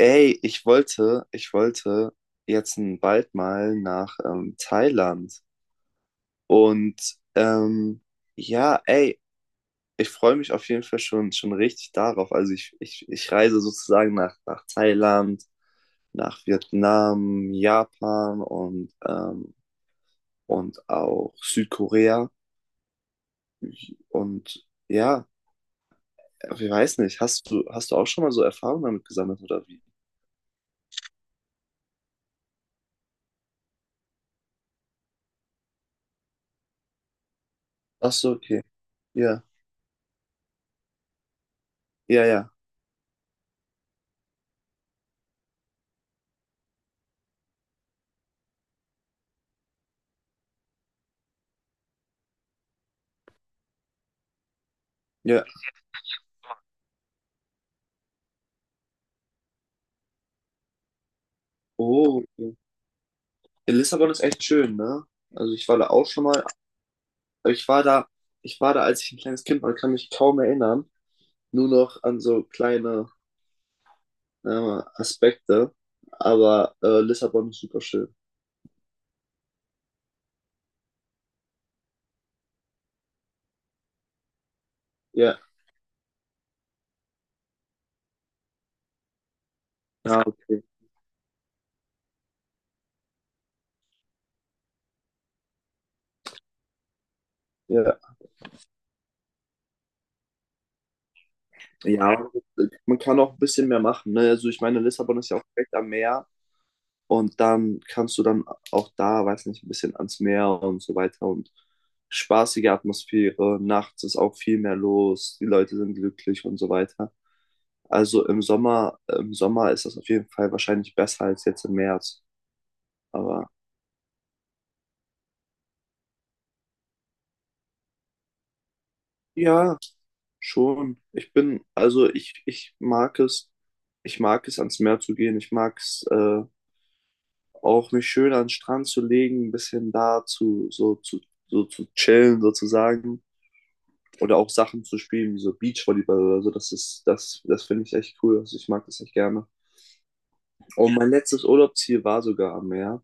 Ey, ich wollte jetzt bald mal nach Thailand. Und ähm, ja, ey, Ich freue mich auf jeden Fall schon richtig darauf. Also ich reise sozusagen nach Thailand, nach Vietnam, Japan und auch Südkorea. Und ja, ich weiß nicht, hast du auch schon mal so Erfahrungen damit gesammelt oder wie? Ach so, okay. Ja, ja, ja, ja. Oh, okay. Lissabon ist echt schön, ne? Also ich war da auch schon mal, ich war da, ich war da, als ich ein kleines Kind war, kann mich kaum erinnern, nur noch an so kleine äh, Aspekte, aber Lissabon ist super schön. Ja, ja, okay. Ja. Ja, man kann auch ein bisschen mehr machen, ne? Also ich meine, Lissabon ist ja auch direkt am Meer und dann kannst du dann auch da, weiß nicht, ein bisschen ans Meer und so weiter und spaßige Atmosphäre, nachts ist auch viel mehr los, die Leute sind glücklich und so weiter. Also im Sommer ist das auf jeden Fall wahrscheinlich besser als jetzt im März. Aber ja, schon. Ich bin, also ich mag es ans Meer zu gehen. Ich mag es auch mich schön an den Strand zu legen, ein bisschen da zu, so zu, so zu chillen sozusagen. Oder auch Sachen zu spielen, wie so Beachvolleyball oder so. Das finde ich echt cool. Also ich mag das echt gerne. Und mein letztes Urlaubsziel war sogar am Meer.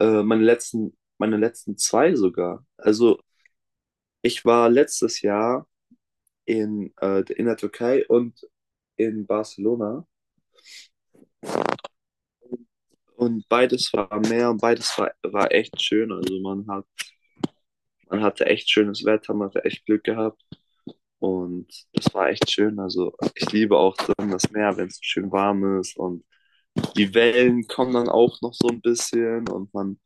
Meine letzten zwei sogar. Also ich war letztes Jahr in der Türkei und in Barcelona und beides war am Meer und war echt schön. Also man hatte echt schönes Wetter, man hatte echt Glück gehabt und das war echt schön. Also ich liebe auch dann das Meer, wenn es schön warm ist und die Wellen kommen dann auch noch so ein bisschen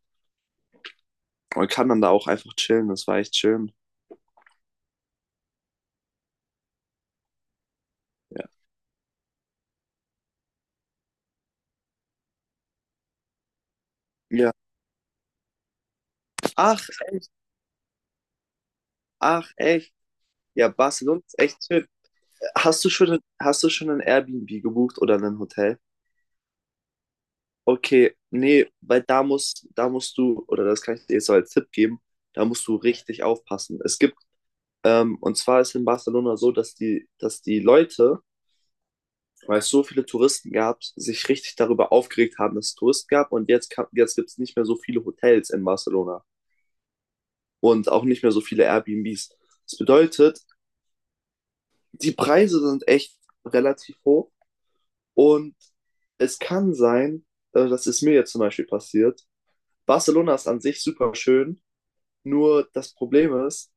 man kann dann da auch einfach chillen. Das war echt schön. Ja. Ja. Ach, echt, ach, echt. Ja, Barcelona ist echt schön. Hast du schon ein Airbnb gebucht oder ein Hotel? Okay, nee, weil da musst du, oder das kann ich dir jetzt so als Tipp geben, da musst du richtig aufpassen. Und zwar ist in Barcelona so, dass dass die Leute, weil es so viele Touristen gab, sich richtig darüber aufgeregt haben, dass es Touristen gab und jetzt gibt es nicht mehr so viele Hotels in Barcelona und auch nicht mehr so viele Airbnbs. Das bedeutet, die Preise sind echt relativ hoch. Und es kann sein, das ist mir jetzt zum Beispiel passiert. Barcelona ist an sich super schön, nur das Problem ist,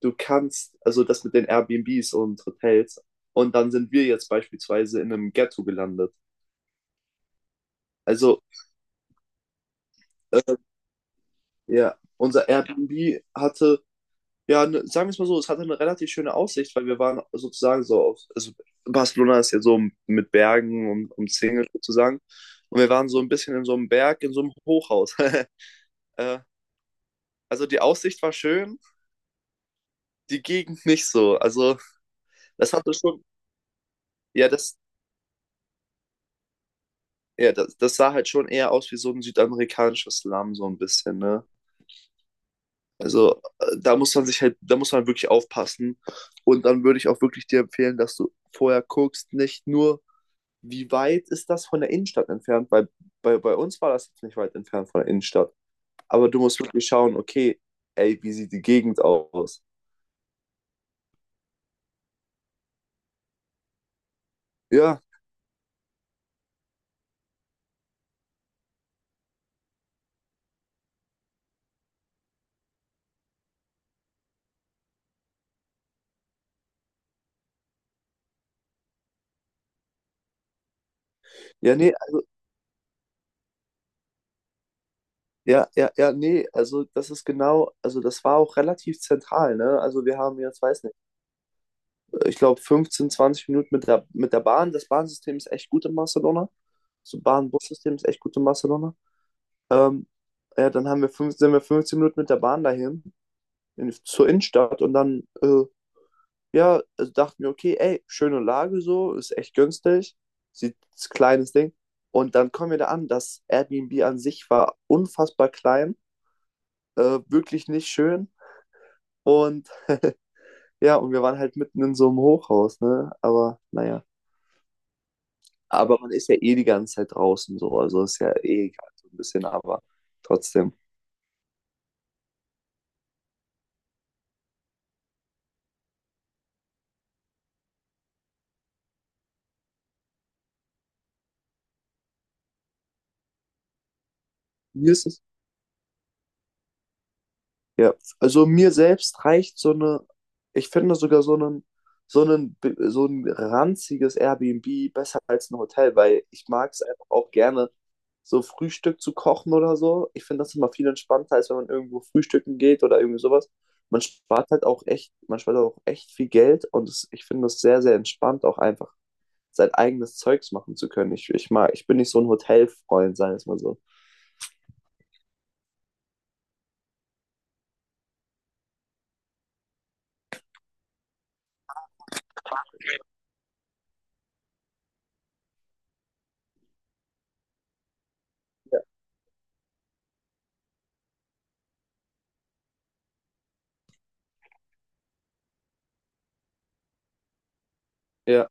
also das mit den Airbnbs und Hotels, und dann sind wir jetzt beispielsweise in einem Ghetto gelandet. Also, äh, ja, ja, ne, sagen wir es mal so, es hatte eine relativ schöne Aussicht, weil wir waren sozusagen so auf, also Barcelona ist ja so mit Bergen umzingelt sozusagen, und wir waren so ein bisschen in so einem Berg, in so einem Hochhaus. Also die Aussicht war schön, die Gegend nicht so. Also das hatte schon, ja, das, ja, das sah halt schon eher aus wie so ein südamerikanischer Slum, so ein bisschen, ne? Also da muss man sich halt, da muss man wirklich aufpassen. Und dann würde ich auch wirklich dir empfehlen, dass du vorher guckst, nicht nur, wie weit ist das von der Innenstadt entfernt, weil bei uns war das jetzt nicht weit entfernt von der Innenstadt. Aber du musst wirklich schauen, okay, ey, wie sieht die Gegend aus? Ja, ja, nee, also ja, ja, ja, nee, also das ist genau, also das war auch relativ zentral, ne? Also wir haben jetzt, weiß nicht, ich glaube 15, 20 Minuten mit mit der Bahn. Das Bahnsystem ist echt gut in Barcelona. So Bahn-Bus-System ist echt gut in Barcelona. Ähm, ja, dann sind wir 15 Minuten mit der Bahn dahin, zur Innenstadt und dann, ja, also dachten wir, okay, ey, schöne Lage so, ist echt günstig, sieht ist kleines Ding. Und dann kommen wir da an, das Airbnb an sich war unfassbar klein, wirklich nicht schön. Und ja, und wir waren halt mitten in so einem Hochhaus, ne? Aber naja. Aber man ist ja eh die ganze Zeit draußen so. Also ist ja eh egal, so ein bisschen, aber trotzdem. Mir ist es Ja, also mir selbst reicht so eine, ich finde sogar so einen, so ein ranziges Airbnb besser als ein Hotel, weil ich mag es einfach auch gerne, so Frühstück zu kochen oder so. Ich finde das immer viel entspannter, als wenn man irgendwo frühstücken geht oder irgendwie sowas. Man spart auch echt viel Geld und ich finde das sehr entspannt, auch einfach sein eigenes Zeugs machen zu können. Ich mag, ich bin nicht so ein Hotelfreund, sagen wir es mal so. Ja.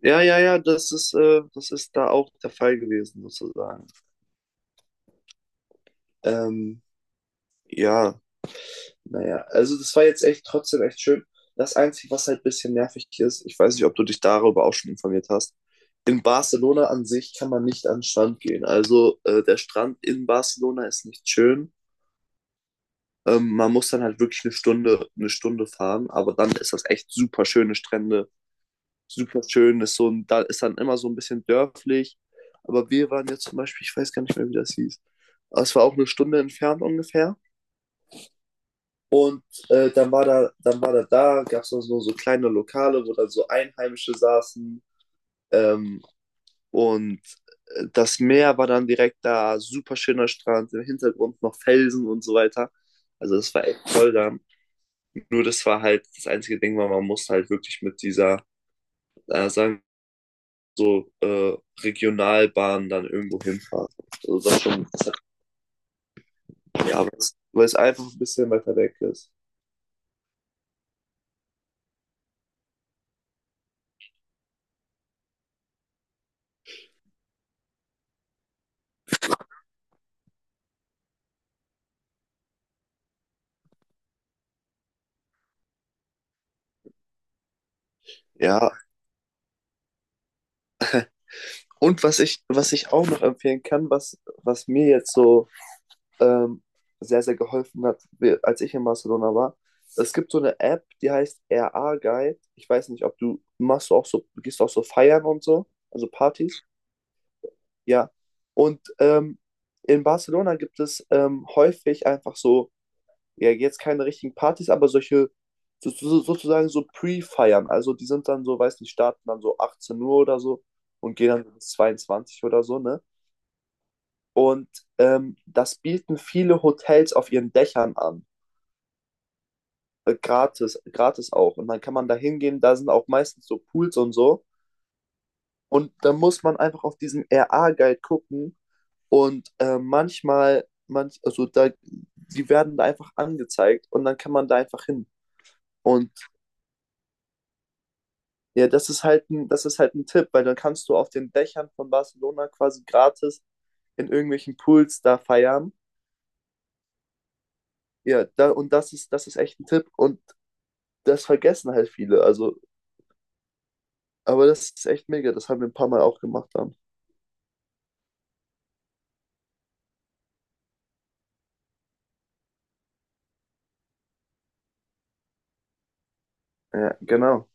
Ja, ja, ja, das ist da auch der Fall gewesen, sozusagen. Ähm, ja, naja, also das war jetzt echt trotzdem echt schön. Das Einzige, was halt ein bisschen nervig ist, ich weiß nicht, ob du dich darüber auch schon informiert hast, in Barcelona an sich kann man nicht an den Strand gehen. Also der Strand in Barcelona ist nicht schön. Man muss dann halt wirklich eine Stunde fahren, aber dann ist das echt super schöne Strände. Super schön, ist so ein, da ist dann immer so ein bisschen dörflich. Aber wir waren jetzt zum Beispiel, ich weiß gar nicht mehr, wie das hieß. Aber es war auch eine Stunde entfernt ungefähr. Und dann war gab es noch so, so kleine Lokale, wo dann so Einheimische saßen. Ähm, und das Meer war dann direkt da, super schöner Strand, im Hintergrund noch Felsen und so weiter. Also das war echt toll da. Nur das war halt das einzige Ding, weil man musste halt wirklich mit dieser, sagen so Regionalbahnen dann irgendwo hinfahren. Also das schon, ja, weil es einfach ein bisschen weiter weg ist. Ja, und was ich auch noch empfehlen kann, was mir jetzt so ähm, sehr geholfen hat, als ich in Barcelona war, es gibt so eine App, die heißt RA Guide. Ich weiß nicht, ob du machst du auch so, gehst du auch so feiern und so, also Partys. Ja. Und in Barcelona gibt es häufig einfach so ja, jetzt keine richtigen Partys, aber solche sozusagen so Pre-Feiern. Also die sind dann so, weiß nicht, starten dann so 18 Uhr oder so und gehen dann so bis 22 oder so, ne? Und das bieten viele Hotels auf ihren Dächern an. Gratis auch. Und dann kann man da hingehen, da sind auch meistens so Pools und so. Und dann muss man einfach auf diesen RA-Guide gucken. Und also da, die werden da einfach angezeigt und dann kann man da einfach hin. Und ja, das ist halt ein Tipp, weil dann kannst du auf den Dächern von Barcelona quasi gratis in irgendwelchen Pools da feiern. Ja, da, und das ist echt ein Tipp und das vergessen halt viele. Also, aber das ist echt mega. Das haben wir ein paar Mal auch gemacht dann. Ja, genau.